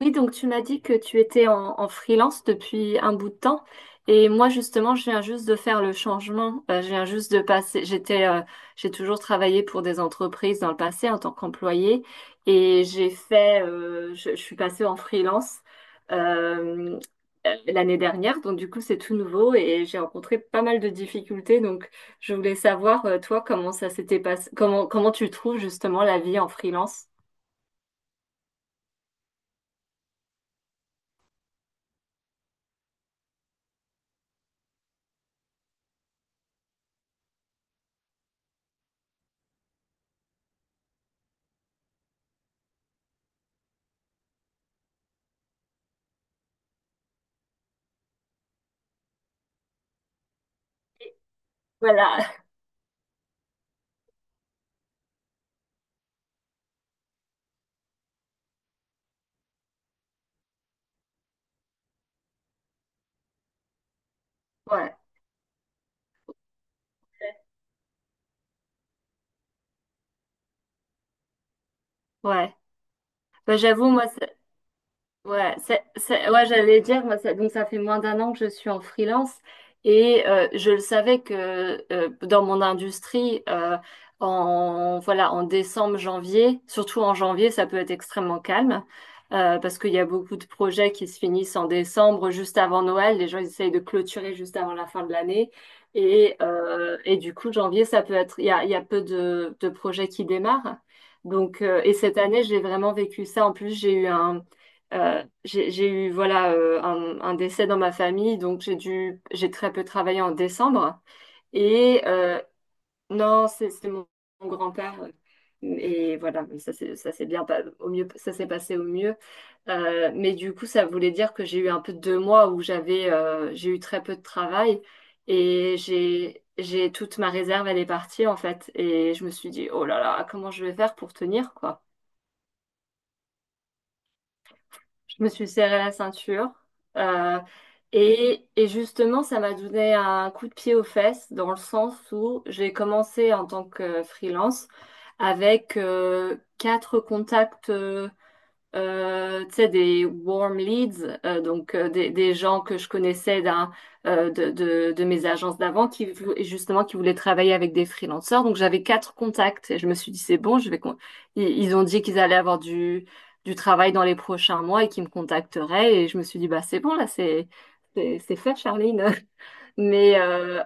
Oui, donc tu m'as dit que tu étais en freelance depuis un bout de temps. Et moi, justement, je viens juste de faire le changement. Je viens juste de passer. J'ai toujours travaillé pour des entreprises dans le passé en tant qu'employée. Et je suis passée en freelance euh, l'année dernière. Donc, du coup, c'est tout nouveau et j'ai rencontré pas mal de difficultés. Donc, je voulais savoir, toi, comment ça s'était passé, comment tu trouves justement la vie en freelance? Voilà. Ouais. Ouais. Bah, j'avoue, moi, Ouais, c'est, j'allais dire, moi, ça- donc ça fait moins d'un an que je suis en freelance et je le savais que dans mon industrie, en décembre, janvier, surtout en janvier, ça peut être extrêmement calme parce qu'il y a beaucoup de projets qui se finissent en décembre, juste avant Noël. Les gens ils essayent de clôturer juste avant la fin de l'année et du coup, janvier, ça peut être, il y a peu de projets qui démarrent. Donc, cette année, j'ai vraiment vécu ça. En plus, j'ai eu un j'ai eu voilà un décès dans ma famille, donc j'ai très peu travaillé en décembre. Et non, c'est mon, mon grand-père. Et voilà, mais ça c'est ça s'est bien pas- au mieux ça s'est passé au mieux. Mais du coup, ça voulait dire que j'ai eu un peu deux mois où j'ai eu très peu de travail et j'ai toute ma réserve elle est partie en fait. Et je me suis dit oh là là comment je vais faire pour tenir quoi. Je me suis serré la ceinture. euh, et justement, ça m'a donné un coup de pied aux fesses dans le sens où j'ai commencé en tant que freelance avec quatre contacts. Tu sais, des warm leads, donc des gens que je connaissais de mes agences d'avant qui vou- justement qui voulaient travailler avec des freelancers. Donc j'avais quatre contacts et je me suis dit c'est bon, je vais con- ils ont dit qu'ils allaient avoir du travail dans les prochains mois et qu'ils me contacteraient et je me suis dit bah c'est bon là c'est fait Charline. Mais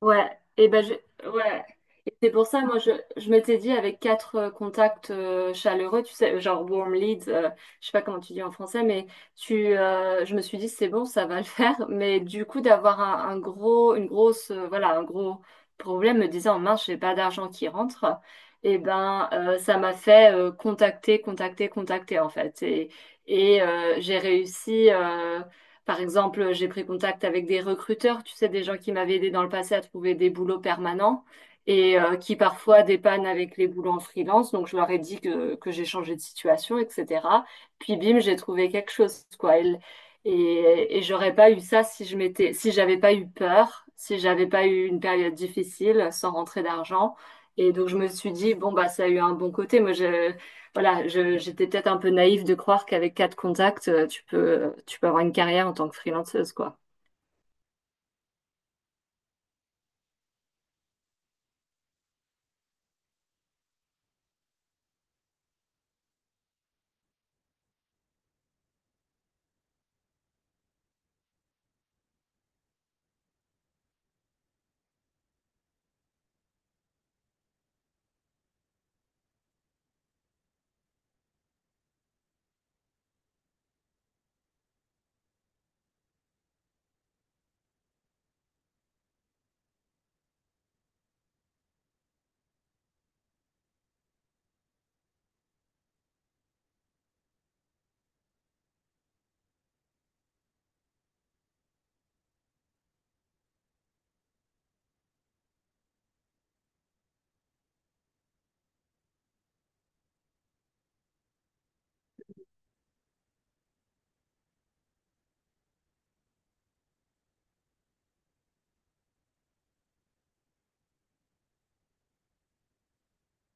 Ouais, et ben je- ouais. Et c'est pour ça, moi, je m'étais dit avec quatre contacts chaleureux, tu sais, genre warm leads. Je sais pas comment tu dis en français, mais je me suis dit c'est bon, ça va le faire. Mais du coup, d'avoir un gros, une grosse, voilà, un gros problème, me disant mince, j'ai pas d'argent qui rentre. Et ben, ça m'a fait contacter, contacter, contacter en fait. Et, j'ai réussi. Par exemple, j'ai pris contact avec des recruteurs, tu sais, des gens qui m'avaient aidé dans le passé à trouver des boulots permanents et qui parfois dépannent avec les boulots en freelance. Donc, je leur ai dit que j'ai changé de situation, etc. Puis, bim, j'ai trouvé quelque chose, quoi. Et j'aurais pas eu ça si je m'étais, si j'avais pas eu peur, si j'avais pas eu une période difficile sans rentrer d'argent. Et donc, je me suis dit, bon, bah, ça a eu un bon côté. Moi, je- voilà, je- J'étais peut-être un peu naïve de croire qu'avec quatre contacts, tu peux avoir une carrière en tant que freelanceuse, quoi.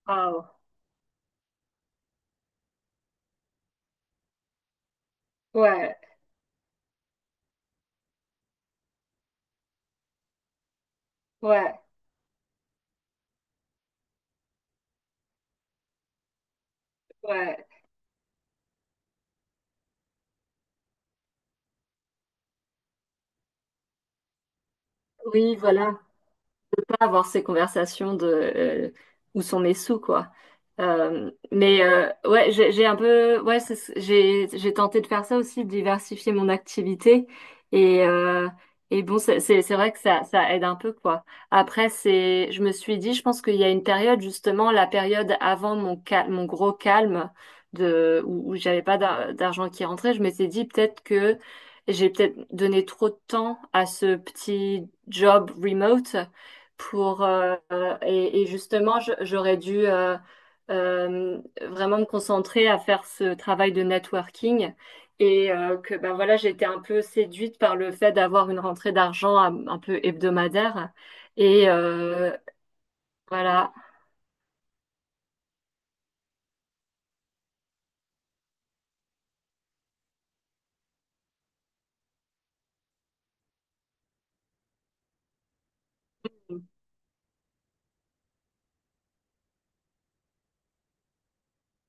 Ah, ouais, ouais, ouais. Oui, voilà. Avoir ces conversations de où sont mes sous, quoi. Mais ouais, j'ai un peu, ouais, c'est ce- j'ai tenté de faire ça aussi, de diversifier mon activité. Et bon, c'est vrai que ça aide un peu, quoi. Après, c'est, je me suis dit, je pense qu'il y a une période justement, la période avant mon gros calme où j'avais pas d'ar- d'argent qui rentrait, je m'étais dit peut-être que j'ai peut-être donné trop de temps à ce petit job remote pour et justement je- J'aurais dû vraiment me concentrer à faire ce travail de networking et que ben voilà j'étais un peu séduite par le fait d'avoir une rentrée d'argent un peu hebdomadaire et euh, voilà.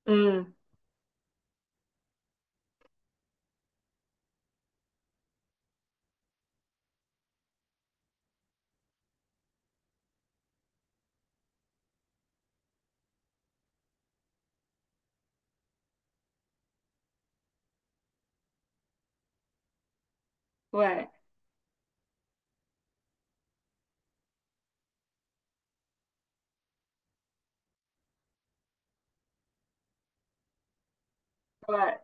Hmm. Ouais, ouais.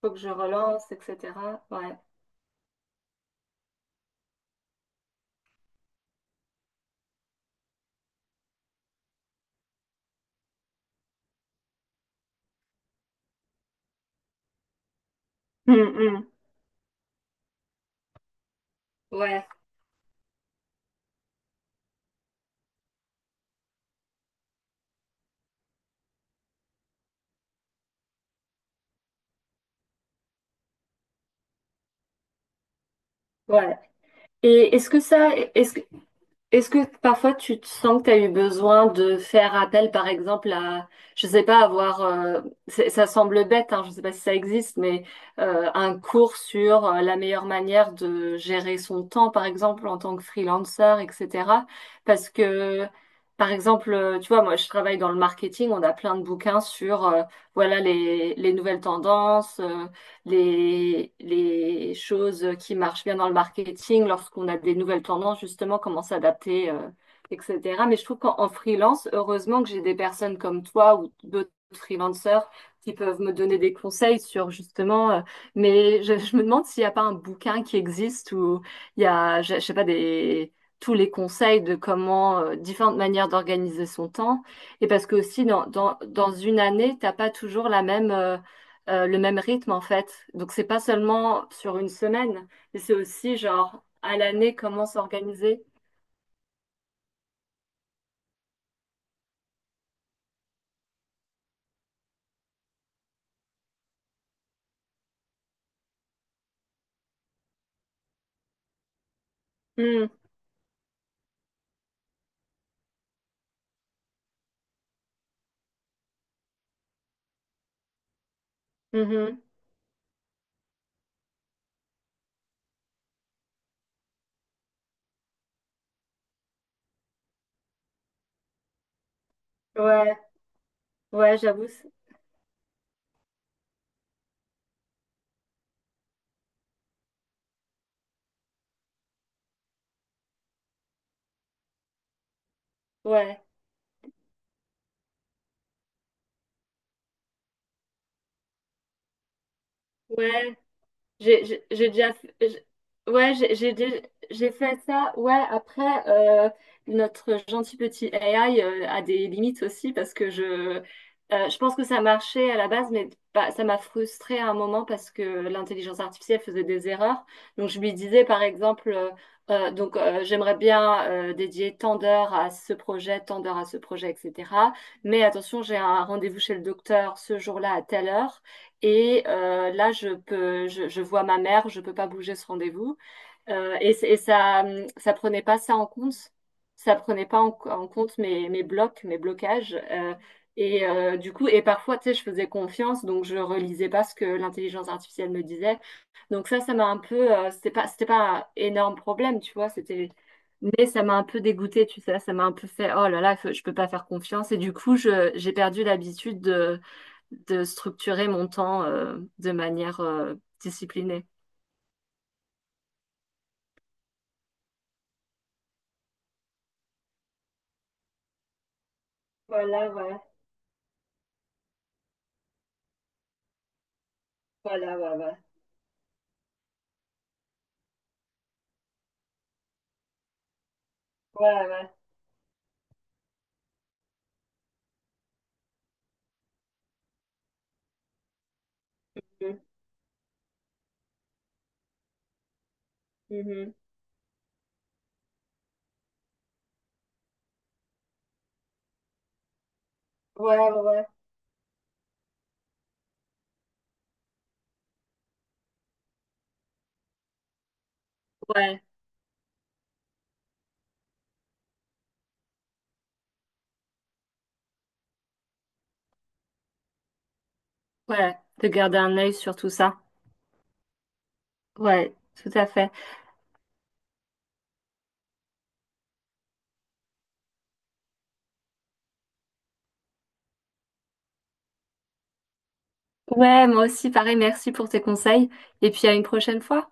Faut que je relance, etc. Ouais. Hmm, hmm. Ouais, ouais. et est-ce que ça est-ce Est-ce que parfois tu te sens que tu as eu besoin de faire appel, par exemple, à, je sais pas, ça semble bête, hein, je sais pas si ça existe, mais un cours sur la meilleure manière de gérer son temps, par exemple, en tant que freelancer, etc. Parce que, Par exemple, tu vois, moi, je travaille dans le marketing, on a plein de bouquins sur les nouvelles tendances. Les choses qui marchent bien dans le marketing, lorsqu'on a des nouvelles tendances, justement, comment s'adapter, etc. Mais je trouve qu'en freelance, heureusement que j'ai des personnes comme toi ou d'autres freelanceurs qui peuvent me donner des conseils sur justement, je me demande s'il n'y a pas un bouquin qui existe où il y a, je sais pas, des, tous les conseils de comment, différentes manières d'organiser son temps. Et parce que aussi, dans une année, t'as pas toujours la même... le même rythme en fait. Donc c'est pas seulement sur une semaine, mais c'est aussi genre à l'année comment s'organiser. Hmm, mhm. Ouais, ouais, j'avoue. C'est- ouais, ouais. J'ai déjà fait, j'- ouais, j'ai dé- J'ai fait ça. Ouais, après, euh, notre gentil petit AI a des limites aussi parce que je pense que ça marchait à la base, mais pas- ça m'a frustrée à un moment parce que l'intelligence artificielle faisait des erreurs. Donc, je lui disais, par exemple, j'aimerais bien dédier tant d'heures à ce projet, tant d'heures à ce projet, etc. Mais attention, j'ai un rendez-vous chez le docteur ce jour-là à telle heure. Et là, je vois ma mère, je peux pas bouger ce rendez-vous. Et ça, ça prenait pas ça en compte. Ça prenait pas en compte mes, mes blocs, mes blocages. Du coup, et parfois, tu sais, je faisais confiance, donc je relisais pas ce que l'intelligence artificielle me disait. Donc ça, c'était pas un énorme problème, tu vois. Mais ça m'a un peu dégoûtée, tu sais. Ça m'a un peu fait, oh là là, faut- je peux pas faire confiance. Et du coup, j'ai perdu l'habitude de structurer mon temps de manière disciplinée. Voilà, ouais. Voilà, ouais, ouais. Ouais, ouais. Mhm, mhm. Ouais, ouais, ouais. Ouais, ouais, de garder un œil sur tout ça. Ouais, tout à fait. Ouais, moi aussi, pareil, merci pour tes conseils. Et puis à une prochaine fois.